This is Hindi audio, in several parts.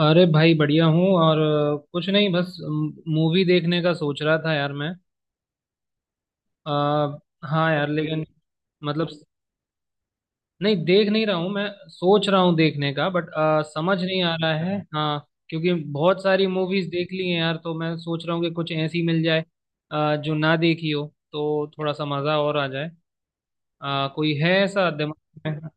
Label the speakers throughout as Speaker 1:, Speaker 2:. Speaker 1: अरे भाई, बढ़िया हूँ। और कुछ नहीं, बस मूवी देखने का सोच रहा था यार मैं। अ, हाँ यार, लेकिन मतलब नहीं, देख नहीं रहा हूँ मैं, सोच रहा हूँ देखने का बट समझ नहीं आ रहा है। हाँ, क्योंकि बहुत सारी मूवीज देख ली हैं यार, तो मैं सोच रहा हूँ कि कुछ ऐसी मिल जाए जो ना देखी हो, तो थोड़ा सा मज़ा और आ जाए। कोई है ऐसा दिमाग में?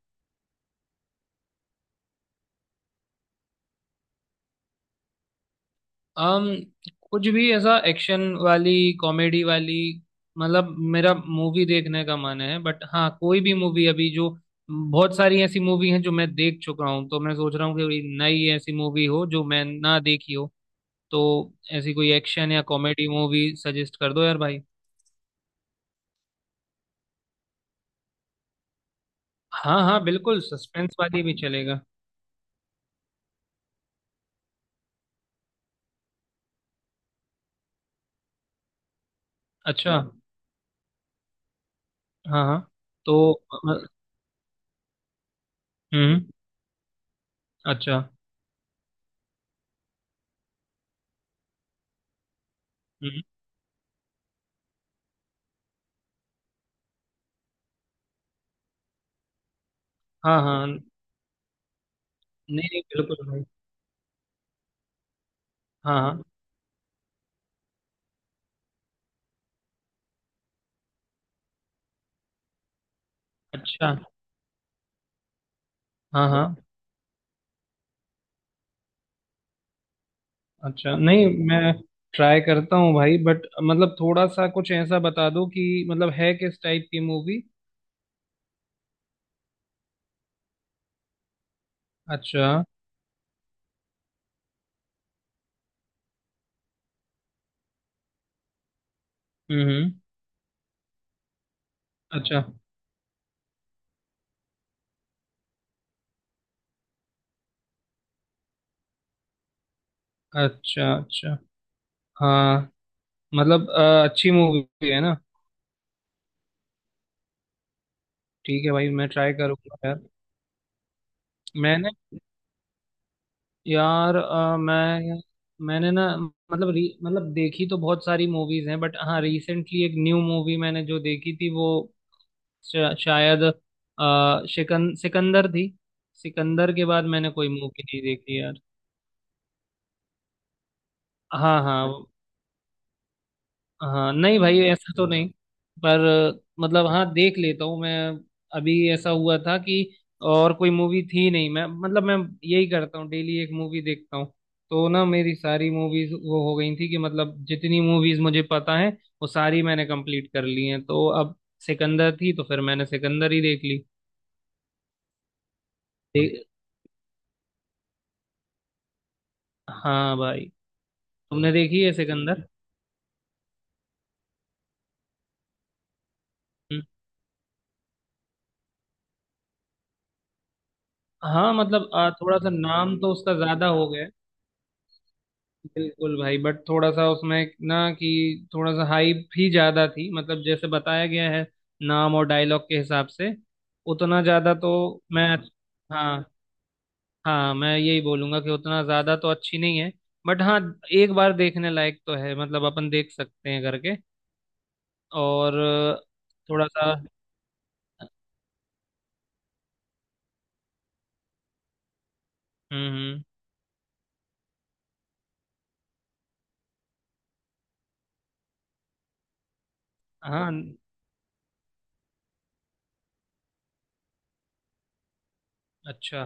Speaker 1: um, कुछ भी ऐसा, एक्शन वाली, कॉमेडी वाली। मतलब मेरा मूवी देखने का मन है, बट हाँ, कोई भी मूवी अभी जो, बहुत सारी ऐसी मूवी हैं जो मैं देख चुका हूँ, तो मैं सोच रहा हूँ कि कोई नई ऐसी मूवी हो जो मैं ना देखी हो। तो ऐसी कोई एक्शन या कॉमेडी मूवी सजेस्ट कर दो यार भाई। हाँ हाँ, बिल्कुल, सस्पेंस वाली भी चलेगा। अच्छा। हाँ हाँ। तो हम्म। अच्छा। हम्म। हाँ हाँ। नहीं नहीं, बिल्कुल भाई। हाँ हाँ। अच्छा। हाँ हाँ। अच्छा नहीं, मैं ट्राई करता हूँ भाई, बट मतलब थोड़ा सा कुछ ऐसा बता दो कि मतलब है किस टाइप की मूवी। अच्छा। हम्म। अच्छा अच्छा। अच्छा। हाँ, मतलब अच्छी मूवी है ना? ठीक है भाई, मैं ट्राई करूँगा यार। मैंने, यार मैं, मैंने ना, मतलब मतलब देखी तो बहुत सारी मूवीज हैं, बट हाँ, रिसेंटली एक न्यू मूवी मैंने जो देखी थी वो शायद शिकन, सिकंदर थी। सिकंदर के बाद मैंने कोई मूवी नहीं देखी यार। हाँ हाँ, हाँ नहीं भाई, ऐसा तो नहीं, पर मतलब हाँ, देख लेता हूँ मैं। अभी ऐसा हुआ था कि और कोई मूवी थी नहीं, मैं मतलब मैं यही करता हूँ, डेली एक मूवी देखता हूँ। तो ना मेरी सारी मूवीज वो हो गई थी, कि मतलब जितनी मूवीज मुझे पता है वो सारी मैंने कंप्लीट कर ली हैं, तो अब सिकंदर थी तो फिर मैंने सिकंदर ही देख ली। दे- हाँ भाई। तुमने देखी है सिकंदर? हम्म, हाँ, मतलब थोड़ा सा नाम तो उसका ज्यादा हो गया है। बिल्कुल भाई, बट थोड़ा सा उसमें ना, कि थोड़ा सा हाइप ही ज्यादा थी मतलब, जैसे बताया गया है नाम और डायलॉग के हिसाब से उतना ज्यादा तो मैं, हाँ हाँ, मैं यही बोलूंगा कि उतना ज्यादा तो अच्छी नहीं है, बट हाँ, एक बार देखने लायक तो है, मतलब अपन देख सकते हैं करके। और थोड़ा सा। हम्म। हाँ। अच्छा।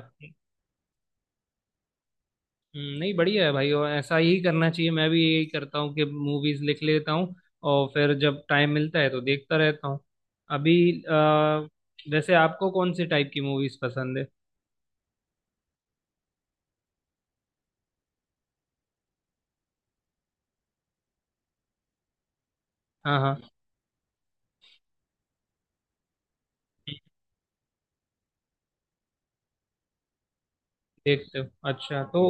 Speaker 1: नहीं, बढ़िया है भाई, और ऐसा ही करना चाहिए। मैं भी यही करता हूँ कि मूवीज लिख लेता हूँ और फिर जब टाइम मिलता है तो देखता रहता हूँ। अभी वैसे आपको कौन से टाइप की मूवीज पसंद है? हाँ हाँ। देखते हो, अच्छा। तो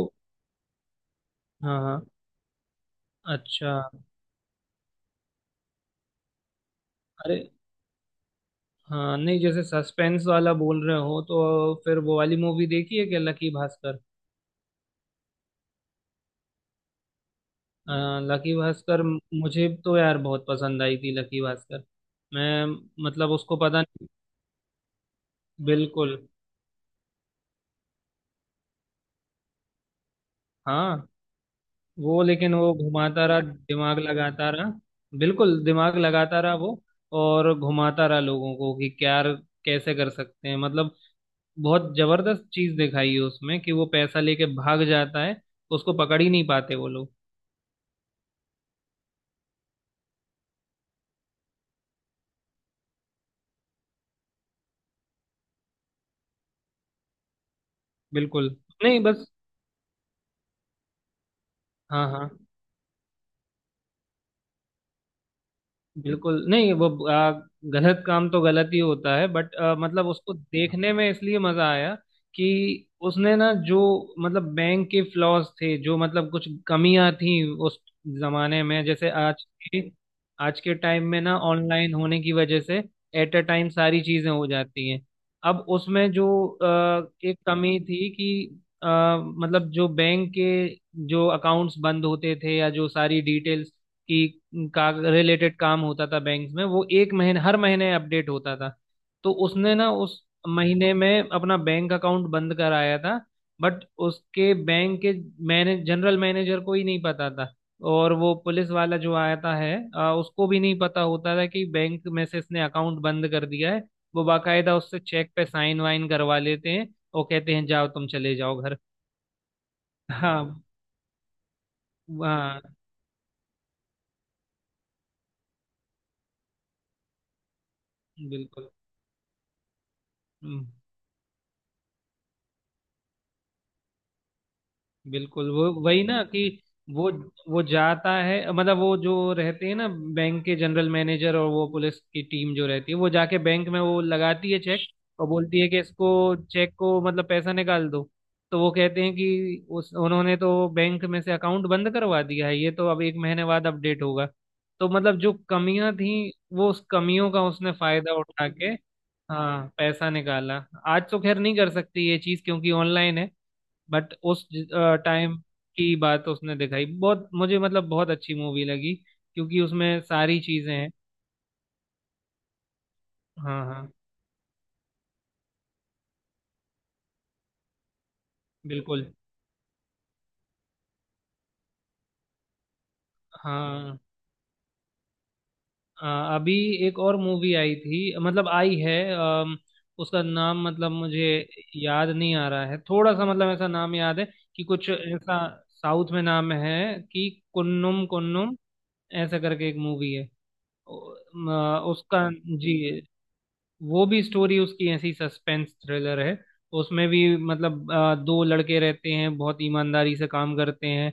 Speaker 1: हाँ हाँ, अच्छा। अरे हाँ, नहीं, जैसे सस्पेंस वाला बोल रहे हो तो फिर वो वाली मूवी देखी है क्या, लकी भास्कर? अ, लकी भास्कर मुझे तो यार बहुत पसंद आई थी। लकी भास्कर, मैं, मतलब उसको पता नहीं, बिल्कुल, हाँ। वो लेकिन वो घुमाता रहा, दिमाग लगाता रहा। बिल्कुल, दिमाग लगाता रहा वो, और घुमाता रहा लोगों को कि क्या, कैसे कर सकते हैं मतलब। बहुत जबरदस्त चीज दिखाई है उसमें, कि वो पैसा लेके भाग जाता है, उसको पकड़ ही नहीं पाते वो लोग। बिल्कुल नहीं, बस, हाँ हाँ। बिल्कुल नहीं। वो गलत काम तो गलत ही होता है, बट मतलब उसको देखने में इसलिए मजा आया, कि उसने ना जो, मतलब बैंक के फ्लॉज थे जो, मतलब कुछ कमियां थी उस जमाने में, जैसे आज के, आज के टाइम में ना ऑनलाइन होने की वजह से एट अ टाइम सारी चीजें हो जाती हैं। अब उसमें जो एक कमी थी कि मतलब जो बैंक के, जो अकाउंट्स बंद होते थे या जो सारी डिटेल्स की, का रिलेटेड काम होता था बैंक में, वो एक महीने, हर महीने अपडेट होता था। तो उसने ना उस महीने में अपना बैंक अकाउंट बंद कराया था, बट उसके बैंक के, मैने जनरल मैनेजर को ही नहीं पता था। और वो पुलिस वाला जो आता है उसको भी नहीं पता होता था कि बैंक में से इसने अकाउंट बंद कर दिया है। वो बाकायदा उससे चेक पे साइन वाइन करवा लेते हैं और कहते हैं जाओ, तुम चले जाओ घर। हाँ हाँ, बिल्कुल। हम्म। बिल्कुल, वो वही ना कि वो वो जाता है मतलब, वो जो रहते हैं ना बैंक के जनरल मैनेजर और वो पुलिस की टीम जो रहती है, वो जाके बैंक में वो लगाती है चेक, और बोलती है कि इसको चेक को मतलब पैसा निकाल दो। तो वो कहते हैं कि उस उन्होंने तो बैंक में से अकाउंट बंद करवा दिया है, ये तो अब एक महीने बाद अपडेट होगा। तो मतलब जो कमियां थी, वो उस कमियों का उसने फायदा उठा के, हाँ, पैसा निकाला। आज तो खैर नहीं कर सकती ये चीज क्योंकि ऑनलाइन है, बट उस टाइम की बात उसने दिखाई। बहुत मुझे मतलब बहुत अच्छी मूवी लगी, क्योंकि उसमें सारी चीजें हैं। हाँ हाँ, बिल्कुल। हाँ अ, अभी एक और मूवी आई थी, मतलब आई है, उसका नाम मतलब मुझे याद नहीं आ रहा है थोड़ा सा, मतलब ऐसा नाम याद है कि कुछ ऐसा साउथ में नाम है कि कुन्नुम कुन्नुम, ऐसा करके एक मूवी है। ओ, उसका, जी, वो भी स्टोरी उसकी ऐसी सस्पेंस थ्रिलर है। उसमें भी मतलब दो लड़के रहते हैं, बहुत ईमानदारी से काम करते हैं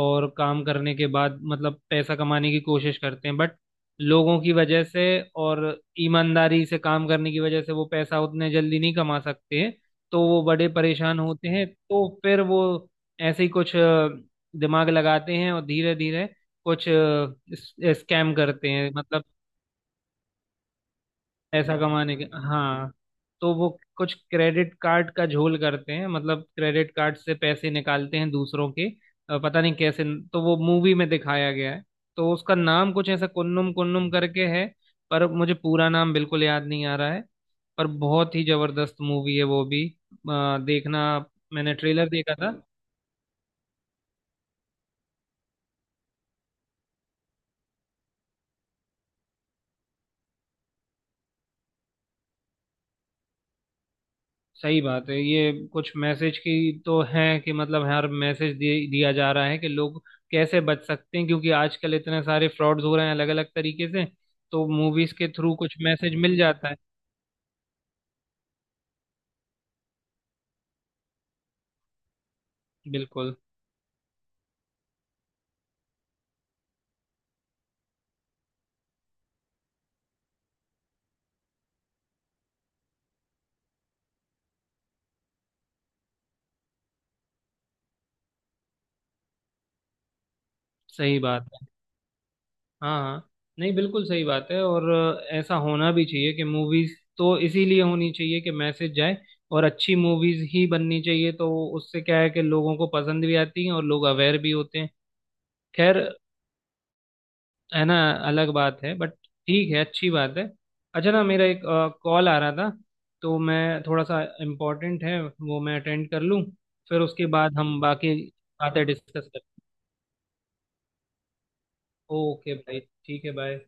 Speaker 1: और काम करने के बाद मतलब पैसा कमाने की कोशिश करते हैं, बट लोगों की वजह से और ईमानदारी से काम करने की वजह से वो पैसा उतने जल्दी नहीं कमा सकते हैं। तो वो बड़े परेशान होते हैं, तो फिर वो ऐसे ही कुछ दिमाग लगाते हैं और धीरे धीरे कुछ स्कैम करते हैं मतलब, पैसा कमाने के, हाँ। तो वो कुछ क्रेडिट कार्ड का झोल करते हैं, मतलब क्रेडिट कार्ड से पैसे निकालते हैं दूसरों के, पता नहीं कैसे, तो वो मूवी में दिखाया गया है। तो उसका नाम कुछ ऐसा कुन्नुम कुन्नुम करके है, पर मुझे पूरा नाम बिल्कुल याद नहीं आ रहा है, पर बहुत ही जबरदस्त मूवी है वो भी देखना। मैंने ट्रेलर देखा था। सही बात है। ये कुछ मैसेज की तो है, कि मतलब हर मैसेज दिया जा रहा है कि लोग कैसे बच सकते हैं, क्योंकि आजकल इतने सारे फ्रॉड्स हो रहे हैं, अलग अलग तरीके से। तो मूवीज के थ्रू कुछ मैसेज मिल जाता है। बिल्कुल सही बात है। हाँ हाँ, नहीं, बिल्कुल सही बात है। और ऐसा होना भी चाहिए कि मूवीज, तो इसीलिए होनी चाहिए कि मैसेज जाए, और अच्छी मूवीज ही बननी चाहिए। तो उससे क्या है कि लोगों को पसंद भी आती है और लोग अवेयर भी होते हैं। खैर, है ना, अलग बात है बट ठीक है, अच्छी बात है। अच्छा, ना, मेरा एक कॉल आ रहा था, तो मैं थोड़ा सा, इम्पोर्टेंट है वो, मैं अटेंड कर लूँ, फिर उसके बाद हम बाकी बातें डिस्कस करते हैं। ओके भाई। ठीक है, बाय।